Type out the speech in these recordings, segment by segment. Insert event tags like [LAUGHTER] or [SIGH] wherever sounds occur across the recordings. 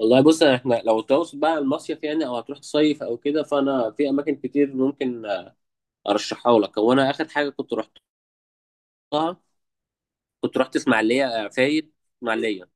والله بص احنا لو تقصد بقى المصيف يعني او هتروح تصيف او كده، فانا في اماكن كتير ممكن ارشحها لك. هو انا اخر حاجه كنت رحتها كنت رحت اسماعيليه، فايد. اسماعيليه،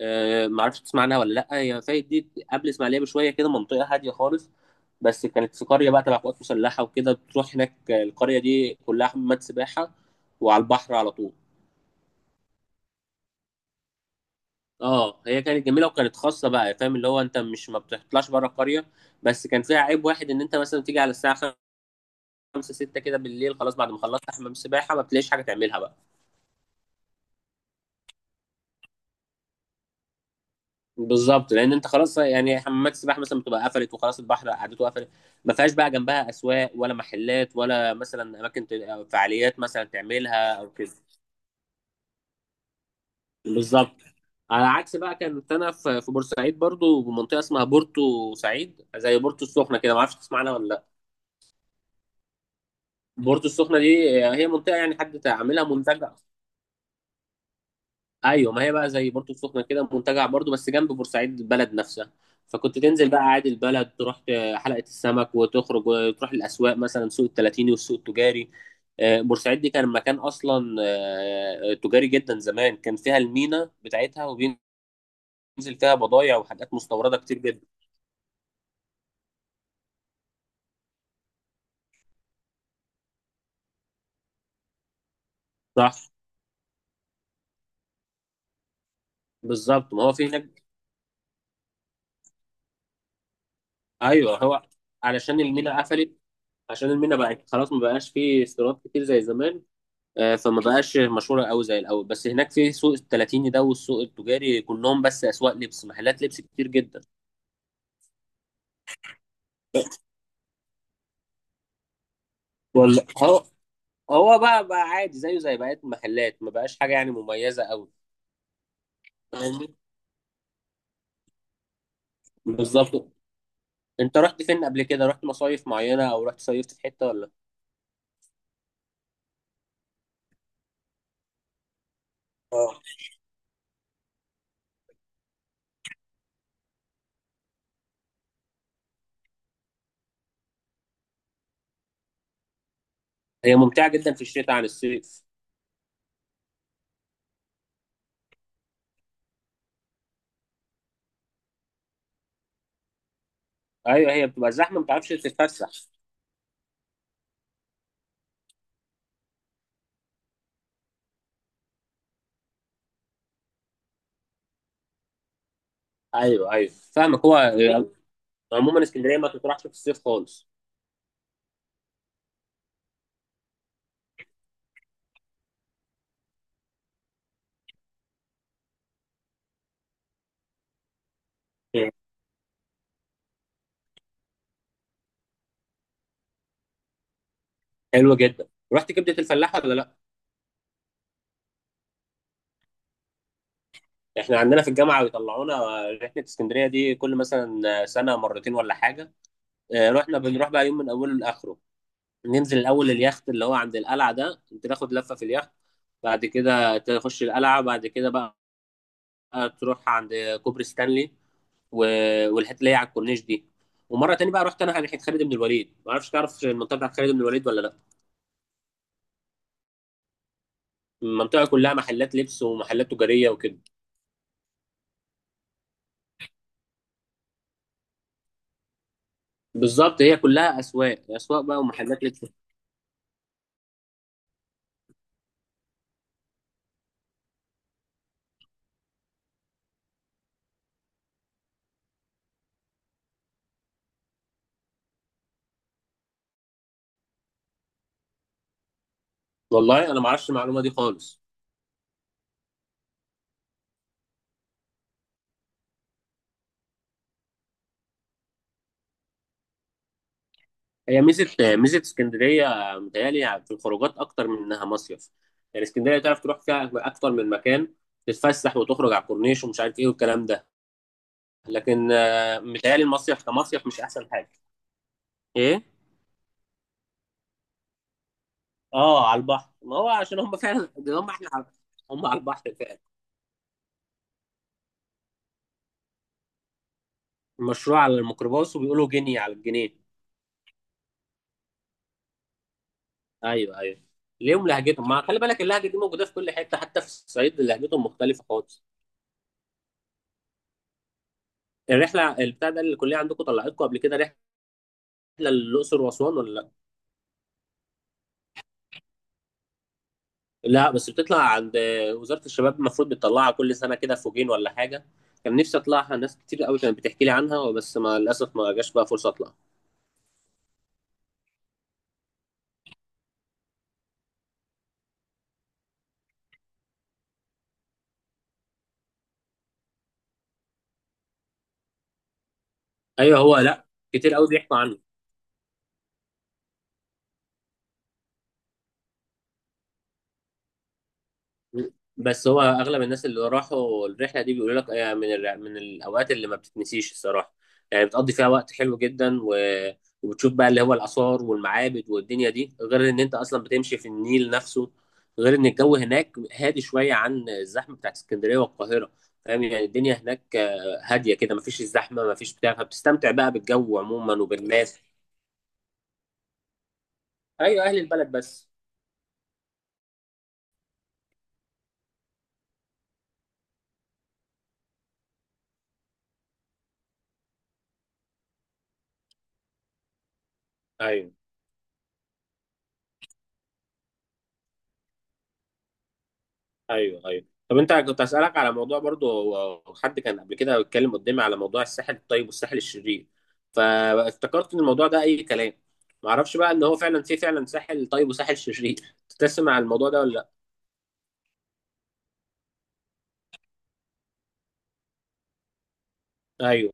ما اعرفش تسمع عنها ولا لا. هي فايد دي قبل اسماعيليه بشويه كده، منطقه هاديه خالص، بس كانت في قريه بقى تبع قوات مسلحه وكده، بتروح هناك، القريه دي كلها حمامات سباحه وعلى البحر على طول. اه هي كانت جميله وكانت خاصه بقى، فاهم؟ اللي هو انت مش ما بتطلعش بره القريه. بس كان فيها عيب واحد، ان انت مثلا تيجي على الساعه 5 6 كده بالليل، خلاص، بعد ما خلصت حمام السباحه ما بتلاقيش حاجه تعملها بقى. بالظبط، لان انت خلاص يعني حمامات السباحه مثلا بتبقى قفلت وخلاص، البحر قعدته قفلت. ما فيهاش بقى جنبها اسواق ولا محلات ولا مثلا اماكن أو فعاليات مثلا تعملها او كده. بالظبط. على عكس بقى كانت انا في بورسعيد برضو، بمنطقه اسمها بورتو سعيد، زي بورتو السخنه كده، ما اعرفش تسمعنا ولا لا. بورتو السخنه دي هي منطقه يعني حد عاملها منتجع. ايوه، ما هي بقى زي بورتو السخنه كده، منتجع برضو بس جنب بورسعيد البلد نفسها. فكنت تنزل بقى عادي البلد، تروح حلقه السمك وتخرج وتروح الاسواق، مثلا سوق التلاتيني والسوق التجاري. بورسعيد دي كان مكان اصلا، تجاري جدا زمان، كان فيها المينا بتاعتها وبينزل فيها بضايع وحاجات مستورده كتير جدا. صح. بالظبط، ما هو في هناك. ايوه هو علشان المينا قفلت. عشان المينا بقت خلاص ما بقاش فيه استيراد كتير زي زمان. فما بقاش مشهوره قوي زي الاول. بس هناك في سوق التلاتيني ده والسوق التجاري كلهم بس اسواق لبس، محلات لبس كتير جدا. والله هو، هو بقى عادي زيه زي بقيه المحلات، ما بقاش حاجه يعني مميزه قوي. فاهمني. بالظبط. انت رحت فين قبل كده؟ رحت مصايف معينه او رحت صيفت في حته ولا؟ اه هي ممتعه جدا في الشتاء عن الصيف. ايوه هي بتبقى زحمه ما بتعرفش تتفسح. ايوه ايوه فاهمك. هو عموما اسكندريه ما تطرحش في الصيف خالص. حلوه جدا. رحت كبده الفلاح ولا لا؟ احنا عندنا في الجامعه بيطلعونا رحله اسكندريه دي كل مثلا سنه مرتين ولا حاجه. اه، رحنا بنروح بقى يوم من اوله لاخره. ننزل الاول اليخت اللي هو عند القلعه ده، انت تاخد لفه في اليخت. بعد كده تخش القلعه، بعد كده بقى تروح عند كوبري ستانلي و... والحته اللي هي على الكورنيش دي. ومره تاني بقى رحت انا على ناحيه خالد بن الوليد، ما اعرفش تعرف المنطقه بتاعت خالد بن الوليد ولا لا. المنطقه كلها محلات لبس ومحلات تجاريه وكده. بالظبط، هي كلها اسواق، اسواق بقى ومحلات لبس. والله انا ما اعرفش المعلومه دي خالص. هي ميزه، ميزه اسكندريه متهيألي في الخروجات اكتر من انها مصيف. يعني اسكندريه تعرف تروح فيها اكتر من مكان، تتفسح وتخرج على الكورنيش ومش عارف ايه والكلام ده. لكن متهيألي المصيف كمصيف مش احسن حاجه. ايه؟ اه على البحر. ما هو عشان هم فعلا، هم على البحر فعلا. المشروع على الميكروباص، وبيقولوا جنيه على الجنيه. ايوه ايوه. ليهم لهجتهم، ما خلي بالك اللهجه دي موجوده في كل حته، حتى في الصعيد لهجتهم مختلفه خالص. الرحله البتاع ده اللي الكليه عندكم طلعتكم قبل كده رحله للاقصر واسوان ولا لا؟ لا، بس بتطلع عند وزاره الشباب، المفروض بتطلعها كل سنه كده فوجين ولا حاجه. كان نفسي اطلعها، ناس كتير قوي كانت بتحكي لي عنها بس ما للاسف ما جاش بقى فرصه اطلع. ايوه هو، لا كتير قوي بيحكوا عنه. بس هو اغلب الناس اللي راحوا الرحله دي بيقولوا لك، من الاوقات اللي ما بتتنسيش الصراحه. يعني بتقضي فيها وقت حلو جدا و... وبتشوف بقى اللي هو الاثار والمعابد والدنيا دي، غير ان انت اصلا بتمشي في النيل نفسه، غير ان الجو هناك هادي شويه عن الزحمه بتاعت اسكندريه والقاهره. فاهم؟ يعني الدنيا هناك هاديه كده، مفيش الزحمه مفيش بتاع، فبتستمتع بقى بالجو عموما وبالناس. ايوه اهل البلد بس. ايوه ايوه ايوه. طب انت كنت اسالك على موضوع برضو. هو حد كان قبل كده بيتكلم قدامي على موضوع الساحل الطيب والساحل الشرير، فافتكرت ان الموضوع ده اي كلام، ما اعرفش بقى ان هو فعلا في فعلا ساحل طيب وساحل شرير [LAUGHS] تسمع على الموضوع ده ولا لا؟ ايوه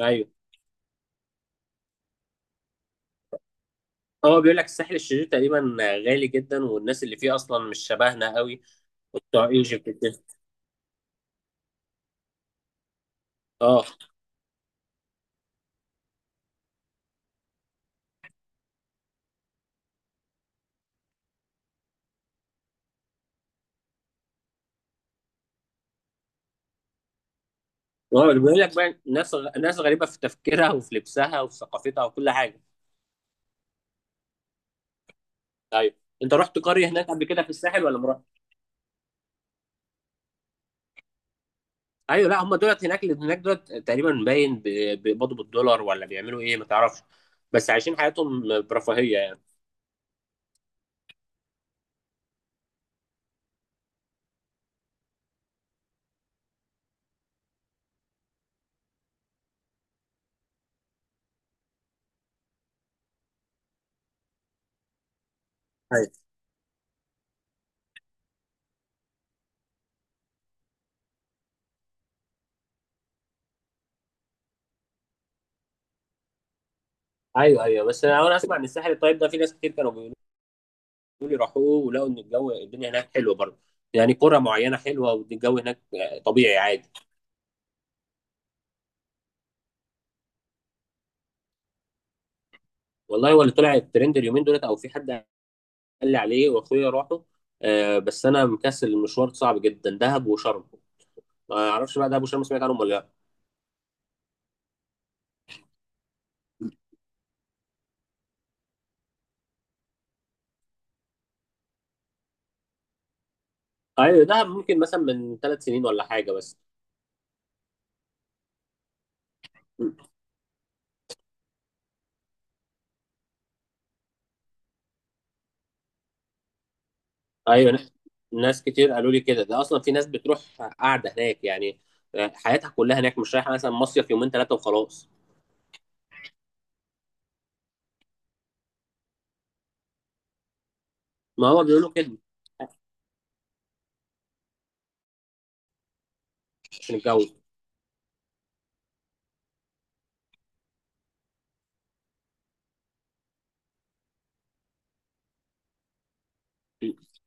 ايوه. هو بيقول لك الساحل الشرير تقريبا غالي جدا، والناس اللي فيه اصلا مش شبهنا قوي وبتوع ايجيبت وكده. اه. هو بيقول لك بقى ناس ناس غريبه في تفكيرها وفي لبسها وفي ثقافتها وكل حاجه. ايوه. انت رحت قريه هناك قبل كده في الساحل ولا ما؟ ايوه لا، هم دولت هناك، اللي هناك دولت تقريبا باين بيقبضوا بالدولار ولا بيعملوا ايه ما تعرفش، بس عايشين حياتهم برفاهيه يعني. ايوه ايوه ايوه. بس انا اسمع ان الساحل الطيب ده في ناس كتير كانوا بيقولوا لي روحوه ولقوا ان الجو، الدنيا هناك حلوه برضه. يعني قرى معينه حلوه والجو هناك طبيعي عادي. والله هو اللي طلع الترند اليومين دولت، او في حد قال لي عليه، واخويا راحوا. آه، بس انا مكسل، المشوار صعب جدا، دهب وشرم. ما اعرفش بقى دهب وشرم سمعت عنهم ولا لا؟ ايوه، دهب ممكن مثلا من 3 سنين ولا حاجه بس. ايوه، ناس كتير قالوا لي كده، ده اصلا في ناس بتروح قاعده هناك يعني، حياتها كلها هناك، مش رايحه مثلا مصيف يومين ثلاثه وخلاص. ما هو بيقولوا كده عشان الجو.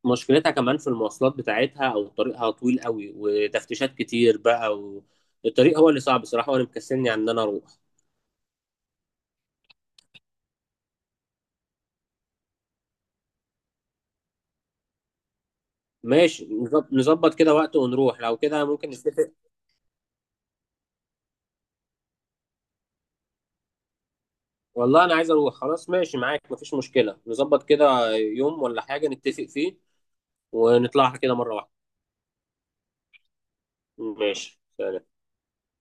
مشكلتها كمان في المواصلات بتاعتها، او طريقها طويل قوي وتفتيشات كتير بقى، والطريق هو اللي صعب بصراحه، وانا مكسلني عن ان انا اروح. ماشي نظبط كده وقت ونروح، لو كده ممكن نتفق. والله انا عايز اروح خلاص، ماشي معاك مفيش مشكله، نظبط كده يوم ولا حاجه نتفق فيه ونطلعها كده مره واحده. ماشي سلام.